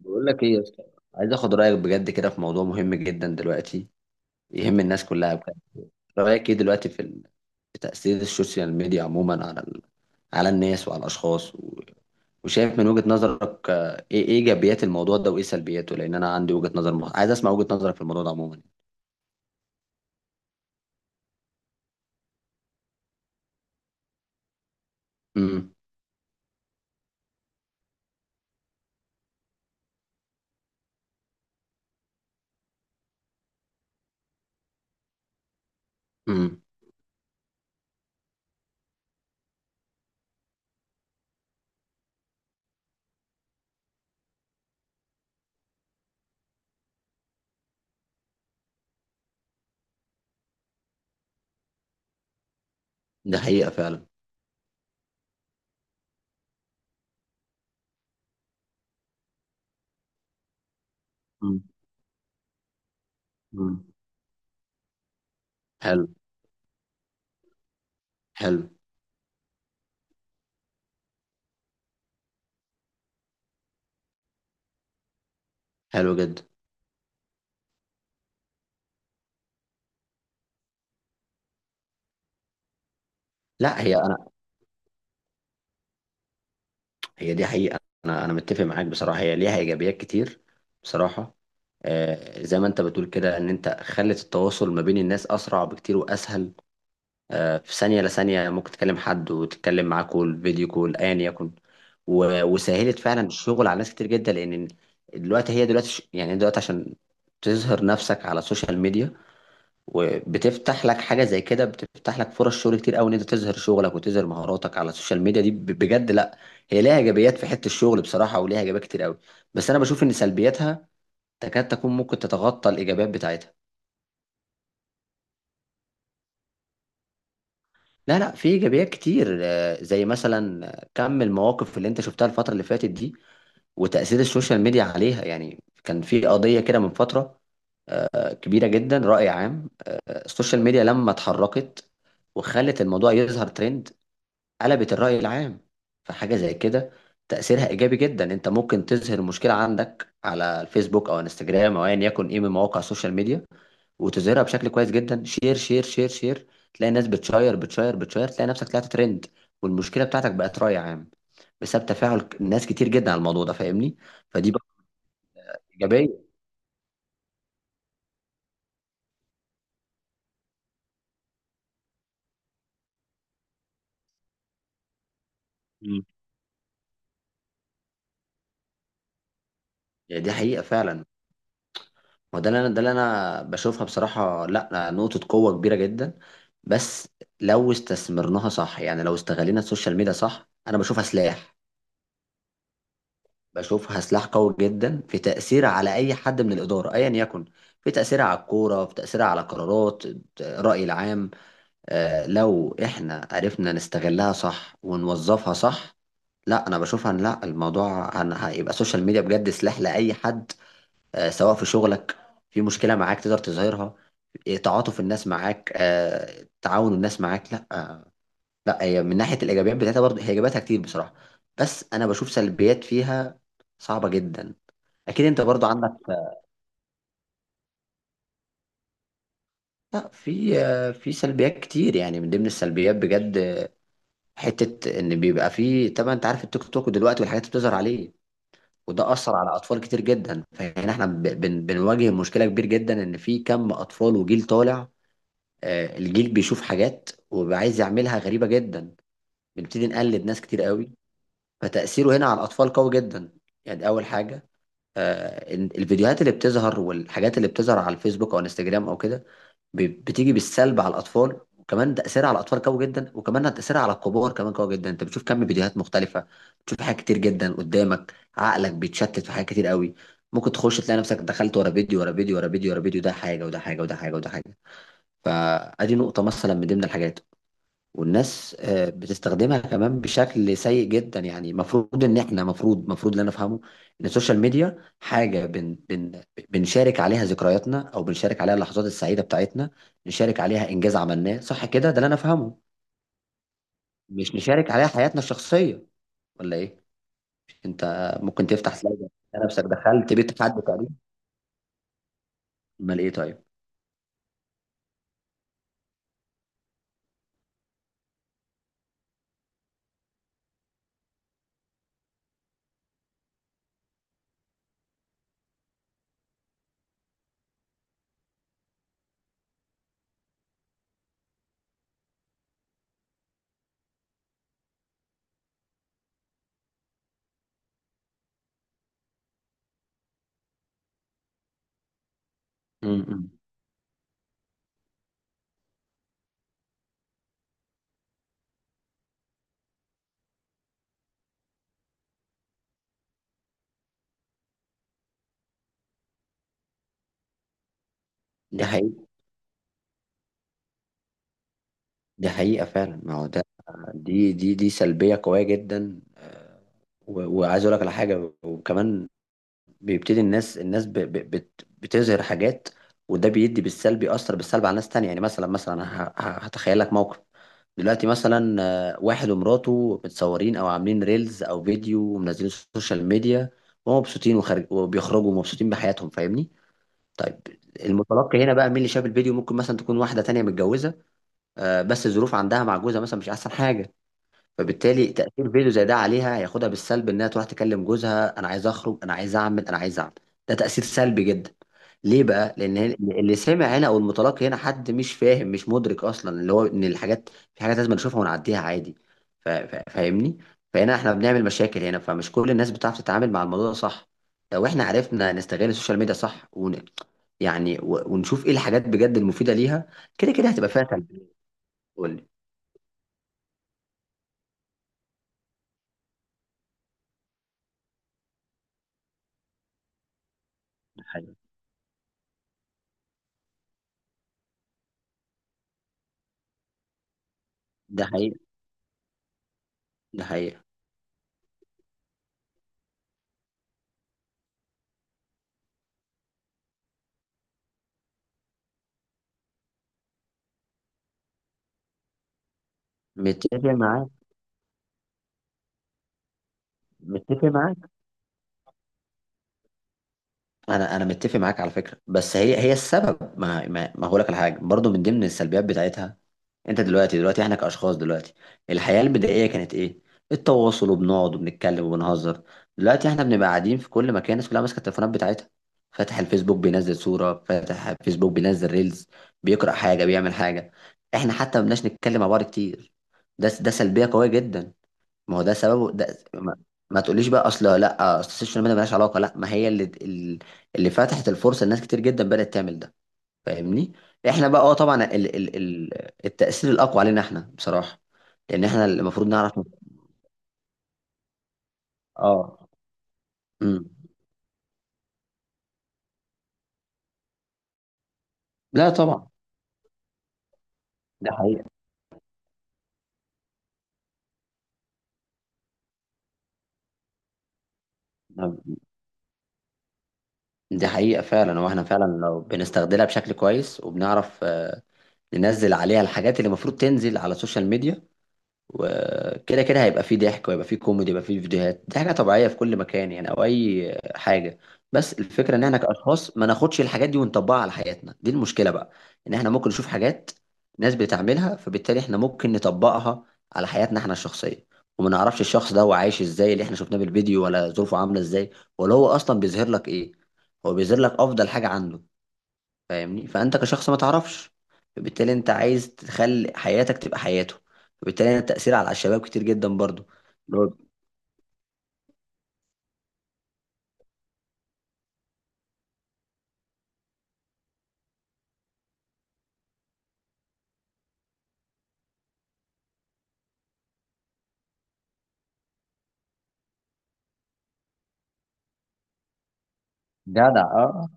بقول لك ايه يا اسطى؟ عايز اخد رايك بجد كده في موضوع مهم جدا دلوقتي، يهم الناس كلها بجد. رايك ايه دلوقتي في تاثير السوشيال ميديا عموما على الناس وعلى الاشخاص وشايف من وجهة نظرك، ايه ايجابيات الموضوع ده وايه سلبياته؟ لان انا عندي وجهة نظر عايز اسمع وجهة نظرك في الموضوع ده عموما. امم. امم. ده حقيقة فعلا. امم. امم. حلو. حلو. حلو جدا. لا، هي دي حقيقة. أنا متفق معاك بصراحة، هي ليها إيجابيات كتير بصراحة. آه، زي ما أنت بتقول كده إن أنت خلت التواصل ما بين الناس أسرع بكتير وأسهل. في ثانية لثانية ممكن تكلم حد وتتكلم معاه كول فيديو كول أيا يكن. و- وسهلت فعلا الشغل على ناس كتير جدا، لأن دلوقتي هي دلوقتي يعني دلوقتي عشان تظهر نفسك على السوشيال ميديا، وبتفتح لك حاجه زي كده، بتفتح لك فرص شغل كتير قوي ان انت تظهر شغلك وتظهر مهاراتك على السوشيال ميديا دي، بجد لا، هي ليها ايجابيات في حته الشغل بصراحه، وليها ايجابيات كتير قوي. بس انا بشوف ان سلبياتها تكاد تكون ممكن تتغطى الايجابيات بتاعتها. لا، لا، في ايجابيات كتير. زي مثلا كم المواقف اللي انت شفتها الفتره اللي فاتت دي وتاثير السوشيال ميديا عليها. يعني كان في قضيه كده من فتره، كبيره جدا، راي عام. السوشيال ميديا لما اتحركت وخلت الموضوع يظهر ترند، قلبت الرأي العام. فحاجة زي كده تأثيرها إيجابي جدا. أنت ممكن تظهر المشكلة عندك على الفيسبوك أو انستجرام أو أيا يكن إيه من مواقع السوشيال ميديا وتظهرها بشكل كويس جدا. شير شير شير شير، تلاقي الناس بتشير بتشير بتشير، تلاقي نفسك طلعت ترند والمشكلة بتاعتك بقت رأي عام، بسبب تفاعل ناس كتير جدا على الموضوع ده. فاهمني؟ فدي بقى إيجابية. مم. يعني دي حقيقة فعلا. هو ده اللي انا بشوفها بصراحه، لا نقطه قوه كبيره جدا. بس لو استثمرناها صح، يعني لو استغلينا السوشيال ميديا صح، انا بشوفها سلاح. بشوفها سلاح قوي جدا في تاثيرها على اي حد من الاداره ايا يكن، في تاثيرها على الكوره، في تاثيرها على قرارات الراي العام. لو احنا عرفنا نستغلها صح ونوظفها صح، لا انا بشوفها إن لا الموضوع هيبقى السوشيال ميديا بجد سلاح لاي حد. سواء في شغلك، في مشكلة معاك تقدر تظهرها، تعاطف الناس معاك، تعاون الناس معاك. لا، لا، هي من ناحية الإيجابيات بتاعتها برضه هي إيجابياتها كتير بصراحة. بس أنا بشوف سلبيات فيها صعبة جدا. أكيد أنت برضه عندك. لا، في في سلبيات كتير. يعني من ضمن السلبيات بجد حتة إن بيبقى في، طبعا أنت عارف التيك توك دلوقتي والحاجات اللي بتظهر عليه، وده أثر على أطفال كتير جدا. فهنا إحنا بنواجه مشكلة كبير جدا، إن في كم أطفال وجيل طالع. الجيل بيشوف حاجات وبيبقى عايز يعملها غريبة جدا. بنبتدي نقلد ناس كتير قوي. فتأثيره هنا على الأطفال قوي جدا. يعني دي أول حاجة. إن الفيديوهات اللي بتظهر والحاجات اللي بتظهر على الفيسبوك أو انستجرام أو كده بتيجي بالسلب على الأطفال. وكمان تأثيرها على الأطفال قوي جدا، وكمان تأثيرها على الكبار كمان قوي جدا. أنت بتشوف كم فيديوهات مختلفة، بتشوف حاجات كتير جدا قدامك، عقلك بيتشتت في حاجات كتير قوي. ممكن تخش تلاقي نفسك دخلت ورا فيديو ورا فيديو ورا فيديو ورا فيديو، ده حاجة وده حاجة وده حاجة وده حاجة. فأدي نقطة مثلا من ضمن الحاجات. والناس بتستخدمها كمان بشكل سيء جدا. يعني المفروض ان احنا مفروض اللي انا افهمه ان السوشيال ميديا حاجه بن بن بنشارك عليها ذكرياتنا، او بنشارك عليها اللحظات السعيده بتاعتنا، نشارك عليها انجاز عملناه صح كده. ده اللي انا افهمه، مش نشارك عليها حياتنا الشخصيه. ولا ايه انت؟ ممكن تفتح سلايد تلاقي نفسك دخلت بيت حد تقريبا. امال ايه طيب؟ امم. دي حقيقة. دي حقيقة فعلا. ما هو ده، دي سلبية قوية جدا. و- وعايز اقول لك على حاجة وكمان بيبتدي الناس بتظهر حاجات، وده بيدي بالسلب، يأثر بالسلب على ناس تانية. يعني مثلا هتخيل لك موقف دلوقتي مثلا، واحد ومراته متصورين او عاملين ريلز او فيديو ومنزلين السوشيال ميديا ومبسوطين وخارج وبيخرجوا مبسوطين بحياتهم. فاهمني؟ طيب، المتلقي هنا بقى مين اللي شاف الفيديو؟ ممكن مثلا تكون واحدة تانية متجوزة، بس الظروف عندها مع جوزها مثلا مش احسن حاجه. فبالتالي تاثير فيديو زي ده عليها هياخدها بالسلب، انها تروح تكلم جوزها انا عايز اخرج، انا عايز اعمل، انا عايز اعمل. ده تاثير سلبي جدا. ليه بقى؟ لان اللي سمع هنا او المتلقي هنا حد مش فاهم، مش مدرك اصلا اللي هو ان الحاجات، في حاجات لازم نشوفها ونعديها عادي. فاهمني؟ فهنا احنا بنعمل مشاكل هنا. فمش كل الناس بتعرف تتعامل مع الموضوع ده صح. لو احنا عرفنا نستغل السوشيال ميديا صح يعني ونشوف ايه الحاجات بجد المفيده ليها، كده كده هتبقى فيها سلبيات. ده حقيقي. ده حقيقي. ده حقيقي. متفق معاك. متفق معاك. انا متفق معاك على فكره. بس هي هي السبب، ما هقول لك على حاجه برضو من ضمن السلبيات بتاعتها. انت دلوقتي دلوقتي احنا كاشخاص دلوقتي، الحياه البدائيه كانت ايه؟ التواصل، وبنقعد وبنتكلم وبنهزر. دلوقتي احنا بنبقى قاعدين في كل مكان، الناس كلها ماسكه التليفونات بتاعتها، فاتح الفيسبوك بينزل صوره، فاتح الفيسبوك بينزل ريلز، بيقرا حاجه، بيعمل حاجه. احنا حتى ما بناش نتكلم مع بعض كتير. ده ده سلبيه قويه جدا. ما هو ده سببه ده، ما تقوليش بقى اصل لا، اصل السوشيال ميديا ملهاش علاقه. لا، ما هي اللي فتحت الفرصه لناس كتير جدا بدات تعمل ده. فاهمني؟ احنا بقى اه طبعا ال ال ال التاثير الاقوى علينا احنا بصراحه، لان احنا اللي المفروض نعرف. اه. امم. لا طبعا. ده حقيقه. دي حقيقه فعلا. واحنا فعلا لو بنستخدمها بشكل كويس وبنعرف ننزل عليها الحاجات اللي المفروض تنزل على السوشيال ميديا، وكده كده هيبقى فيه ضحك، وهيبقى فيه كوميدي، هيبقى فيه فيديوهات، دي حاجة طبيعية في كل مكان يعني أو أي حاجة. بس الفكرة إن إحنا كأشخاص ما ناخدش الحاجات دي ونطبقها على حياتنا. دي المشكلة بقى، إن إحنا ممكن نشوف حاجات ناس بتعملها، فبالتالي إحنا ممكن نطبقها على حياتنا إحنا الشخصية، وما نعرفش الشخص ده هو عايش إزاي، اللي إحنا شفناه بالفيديو، ولا ظروفه عاملة إزاي، ولا هو أصلا بيظهر لك إيه. هو بيظهر لك أفضل حاجة عنده. فاهمني؟ فانت كشخص ما تعرفش، فبالتالي انت عايز تخلي حياتك تبقى حياته. فبالتالي التأثير على الشباب كتير جدا برضو. اللي هو جدع. اه.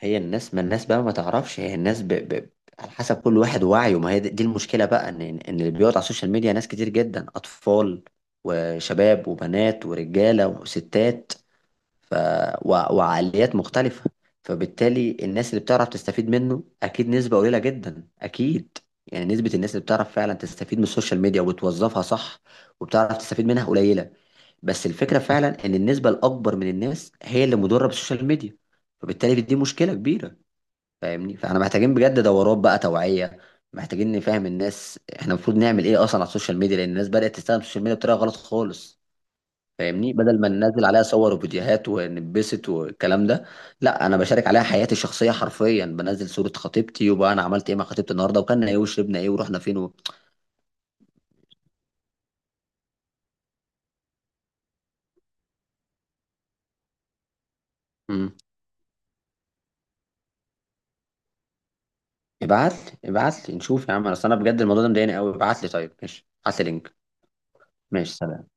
هي الناس، ما الناس بقى ما تعرفش، هي الناس على حسب كل واحد وعيه. ما هي دي المشكلة بقى، ان اللي بيقعد على السوشيال ميديا ناس كتير جدا، اطفال وشباب وبنات ورجالة وستات. ف... وعقليات مختلفة. فبالتالي الناس اللي بتعرف تستفيد منه أكيد نسبة قليلة جدا أكيد. يعني نسبة الناس اللي بتعرف فعلا تستفيد من السوشيال ميديا وبتوظفها صح وبتعرف تستفيد منها قليلة. بس الفكرة فعلا إن النسبة الأكبر من الناس هي اللي مضرة بالسوشيال ميديا. فبالتالي دي مشكلة كبيرة. فاهمني؟ فاحنا محتاجين بجد دورات بقى توعية، محتاجين نفهم الناس احنا المفروض نعمل ايه اصلا على السوشيال ميديا. لان الناس بدأت تستخدم السوشيال ميديا بطريقة غلط خالص. فاهمني؟ بدل ما ننزل عليها صور وفيديوهات ونتبسط والكلام ده، لا انا بشارك عليها حياتي الشخصيه حرفيا، بنزل صوره خطيبتي وبقى انا عملت ايه مع خطيبتي النهارده وكلنا ايه وشربنا ايه ورحنا فين مم. ابعت ابعت لي، نشوف يا عم، اصل انا بجد الموضوع ده مضايقني قوي. ابعت لي، طيب ماشي، ابعت لي لينك. ماشي سلام.